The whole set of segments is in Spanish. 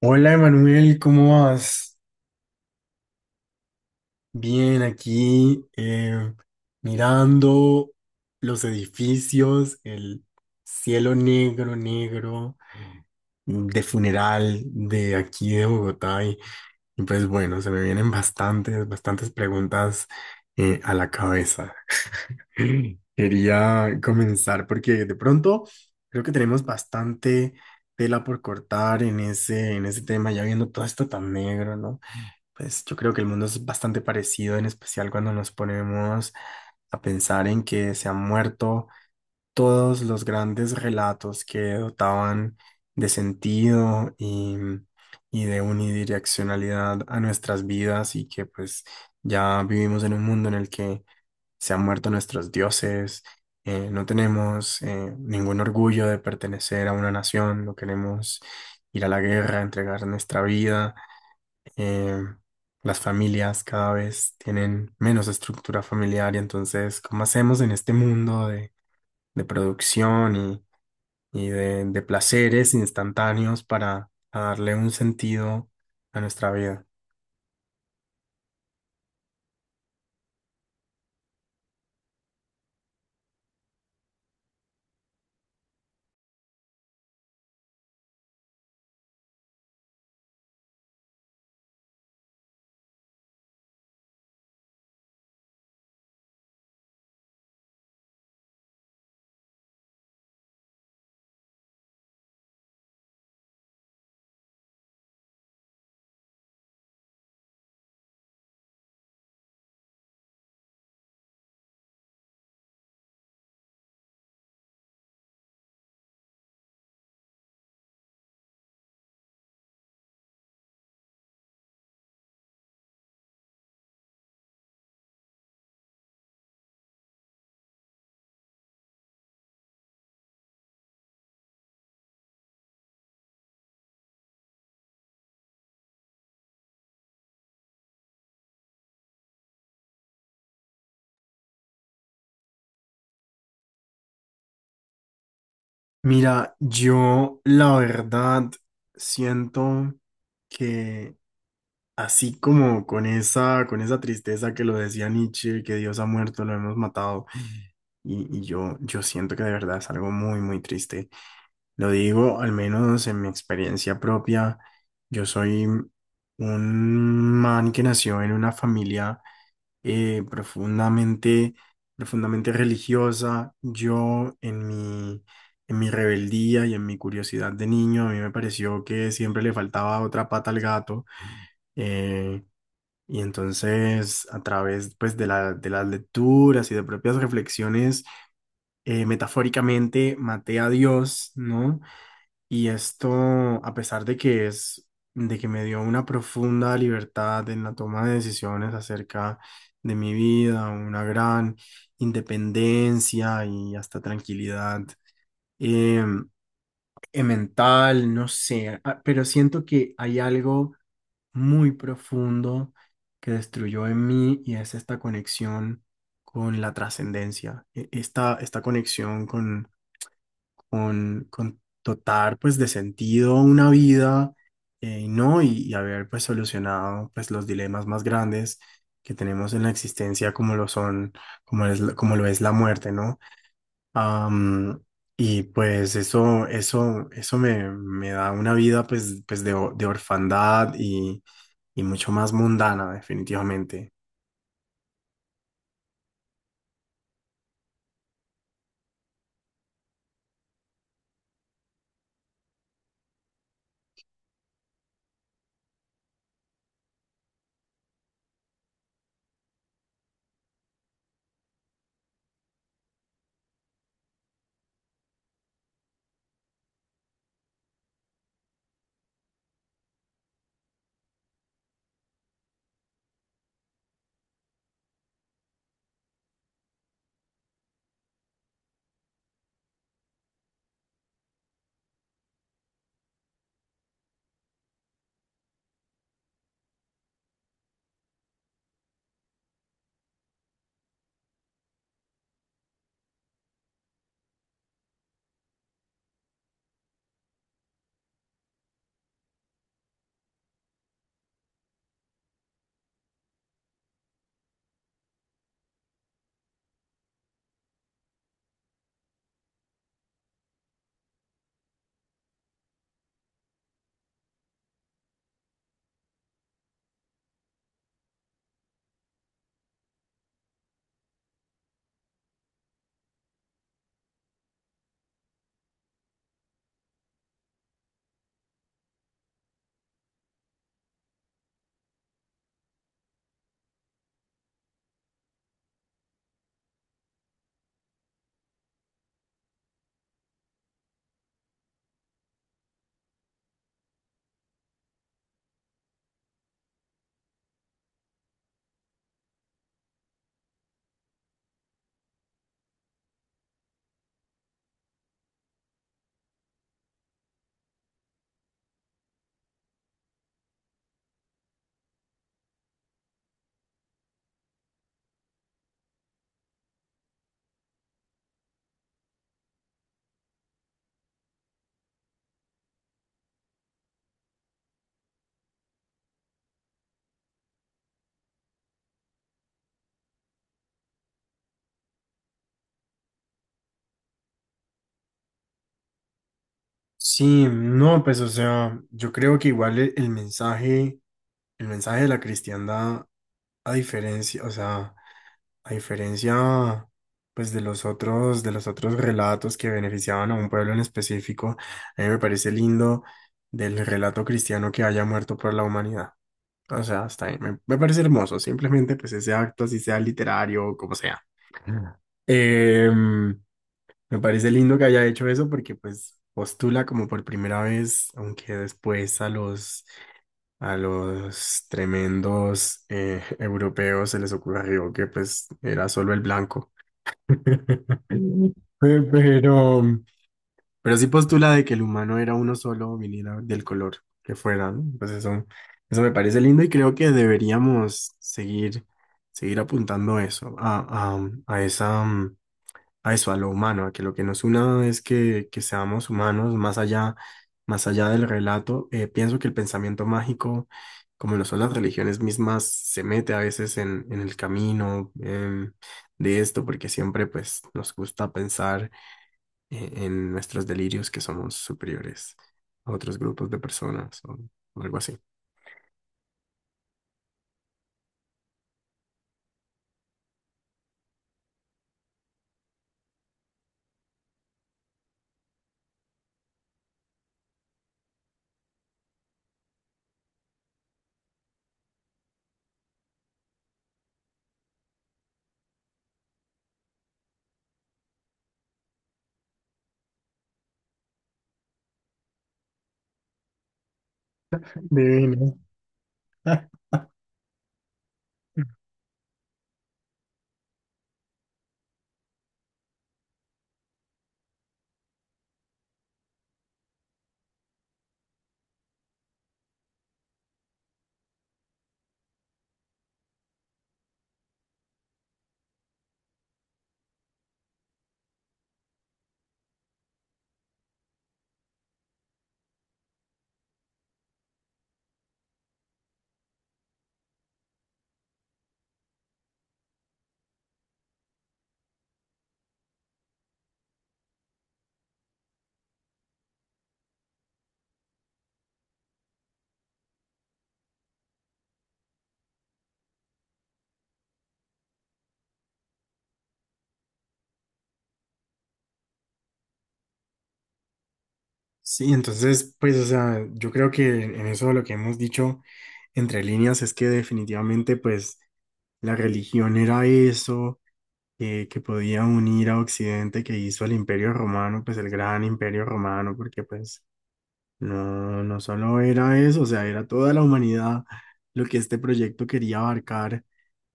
Hola Emanuel, ¿cómo vas? Bien, aquí, mirando los edificios, el cielo negro, negro, de funeral de aquí de Bogotá y pues bueno, se me vienen bastantes, bastantes preguntas a la cabeza. Quería comenzar porque de pronto creo que tenemos bastante tela por cortar en ese, tema, ya viendo todo esto tan negro, ¿no? Pues yo creo que el mundo es bastante parecido, en especial cuando nos ponemos a pensar en que se han muerto todos los grandes relatos que dotaban de sentido y de unidireccionalidad a nuestras vidas y que pues ya vivimos en un mundo en el que se han muerto nuestros dioses, no tenemos ningún orgullo de pertenecer a una nación, no queremos ir a la guerra, entregar nuestra vida, eh, las familias cada vez tienen menos estructura familiar y entonces, ¿cómo hacemos en este mundo de, producción y de, placeres instantáneos para darle un sentido a nuestra vida? Mira, yo la verdad siento que así como con esa, tristeza que lo decía Nietzsche, que Dios ha muerto, lo hemos matado, y yo siento que de verdad es algo muy, muy triste. Lo digo, al menos en mi experiencia propia, yo soy un man que nació en una familia, profundamente, profundamente religiosa. Yo en mi, rebeldía y en mi curiosidad de niño, a mí me pareció que siempre le faltaba otra pata al gato. eh, y entonces, a través pues, de la, de las lecturas y de propias reflexiones, metafóricamente maté a Dios, ¿no? Y esto, a pesar de que es, de que me dio una profunda libertad en la toma de decisiones acerca de mi vida, una gran independencia y hasta tranquilidad eh, mental, no sé, pero siento que hay algo muy profundo que destruyó en mí y es esta conexión con la trascendencia, esta conexión con con dotar pues de sentido a una vida, ¿no? Y haber pues solucionado pues los dilemas más grandes que tenemos en la existencia como lo son, como lo es la muerte, ¿no? Am, y pues eso me da una vida pues, de orfandad y mucho más mundana definitivamente. Sí, no, pues o sea, yo creo que igual el mensaje. El mensaje de la cristiandad a diferencia, o sea, a diferencia pues de los otros, relatos que beneficiaban a un pueblo en específico, a mí me parece lindo del relato cristiano que haya muerto por la humanidad. O sea, hasta ahí me parece hermoso, simplemente pues ese acto, así sea literario o como sea. Mm. Em, me parece lindo que haya hecho eso porque pues postula como por primera vez, aunque después a los, tremendos, europeos se les ocurrió que pues era solo el blanco. Mm. Pe- Pero, pero sí postula de que el humano era uno solo, viniera del color que fuera, ¿no? Pues eso me parece lindo y creo que deberíamos seguir, apuntando eso, a esa, a eso, a lo humano, a que lo que nos una es que seamos humanos más allá del relato. Pienso que el pensamiento mágico, como lo son las religiones mismas, se mete a veces en, el camino, de esto, porque siempre pues nos gusta pensar, en nuestros delirios que somos superiores a otros grupos de personas o algo así. Divino. Sí, entonces, pues, o sea, yo creo que en eso lo que hemos dicho entre líneas es que definitivamente, pues, la religión era eso, que podía unir a Occidente, que hizo el Imperio Romano, pues, el gran Imperio Romano, porque, pues, no, no solo era eso, o sea, era toda la humanidad lo que este proyecto quería abarcar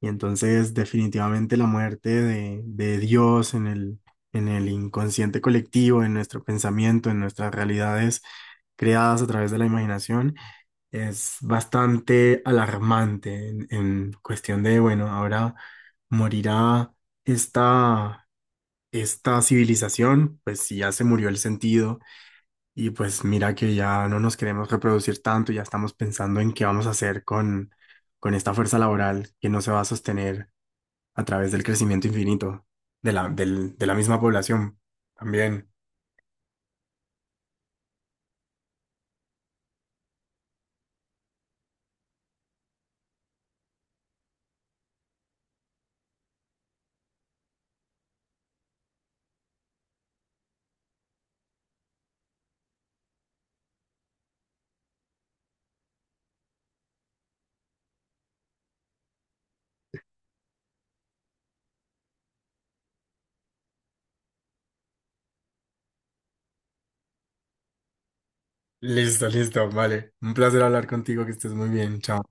y entonces definitivamente la muerte de, Dios en el, inconsciente colectivo, en nuestro pensamiento, en nuestras realidades creadas a través de la imaginación, es bastante alarmante en, cuestión de, bueno, ahora morirá esta, civilización, pues si ya se murió el sentido y pues mira que ya no nos queremos reproducir tanto, ya estamos pensando en qué vamos a hacer con, esta fuerza laboral que no se va a sostener a través del crecimiento infinito de la, misma población. También. Listo, listo, vale. Un placer hablar contigo, que estés muy bien. Chao.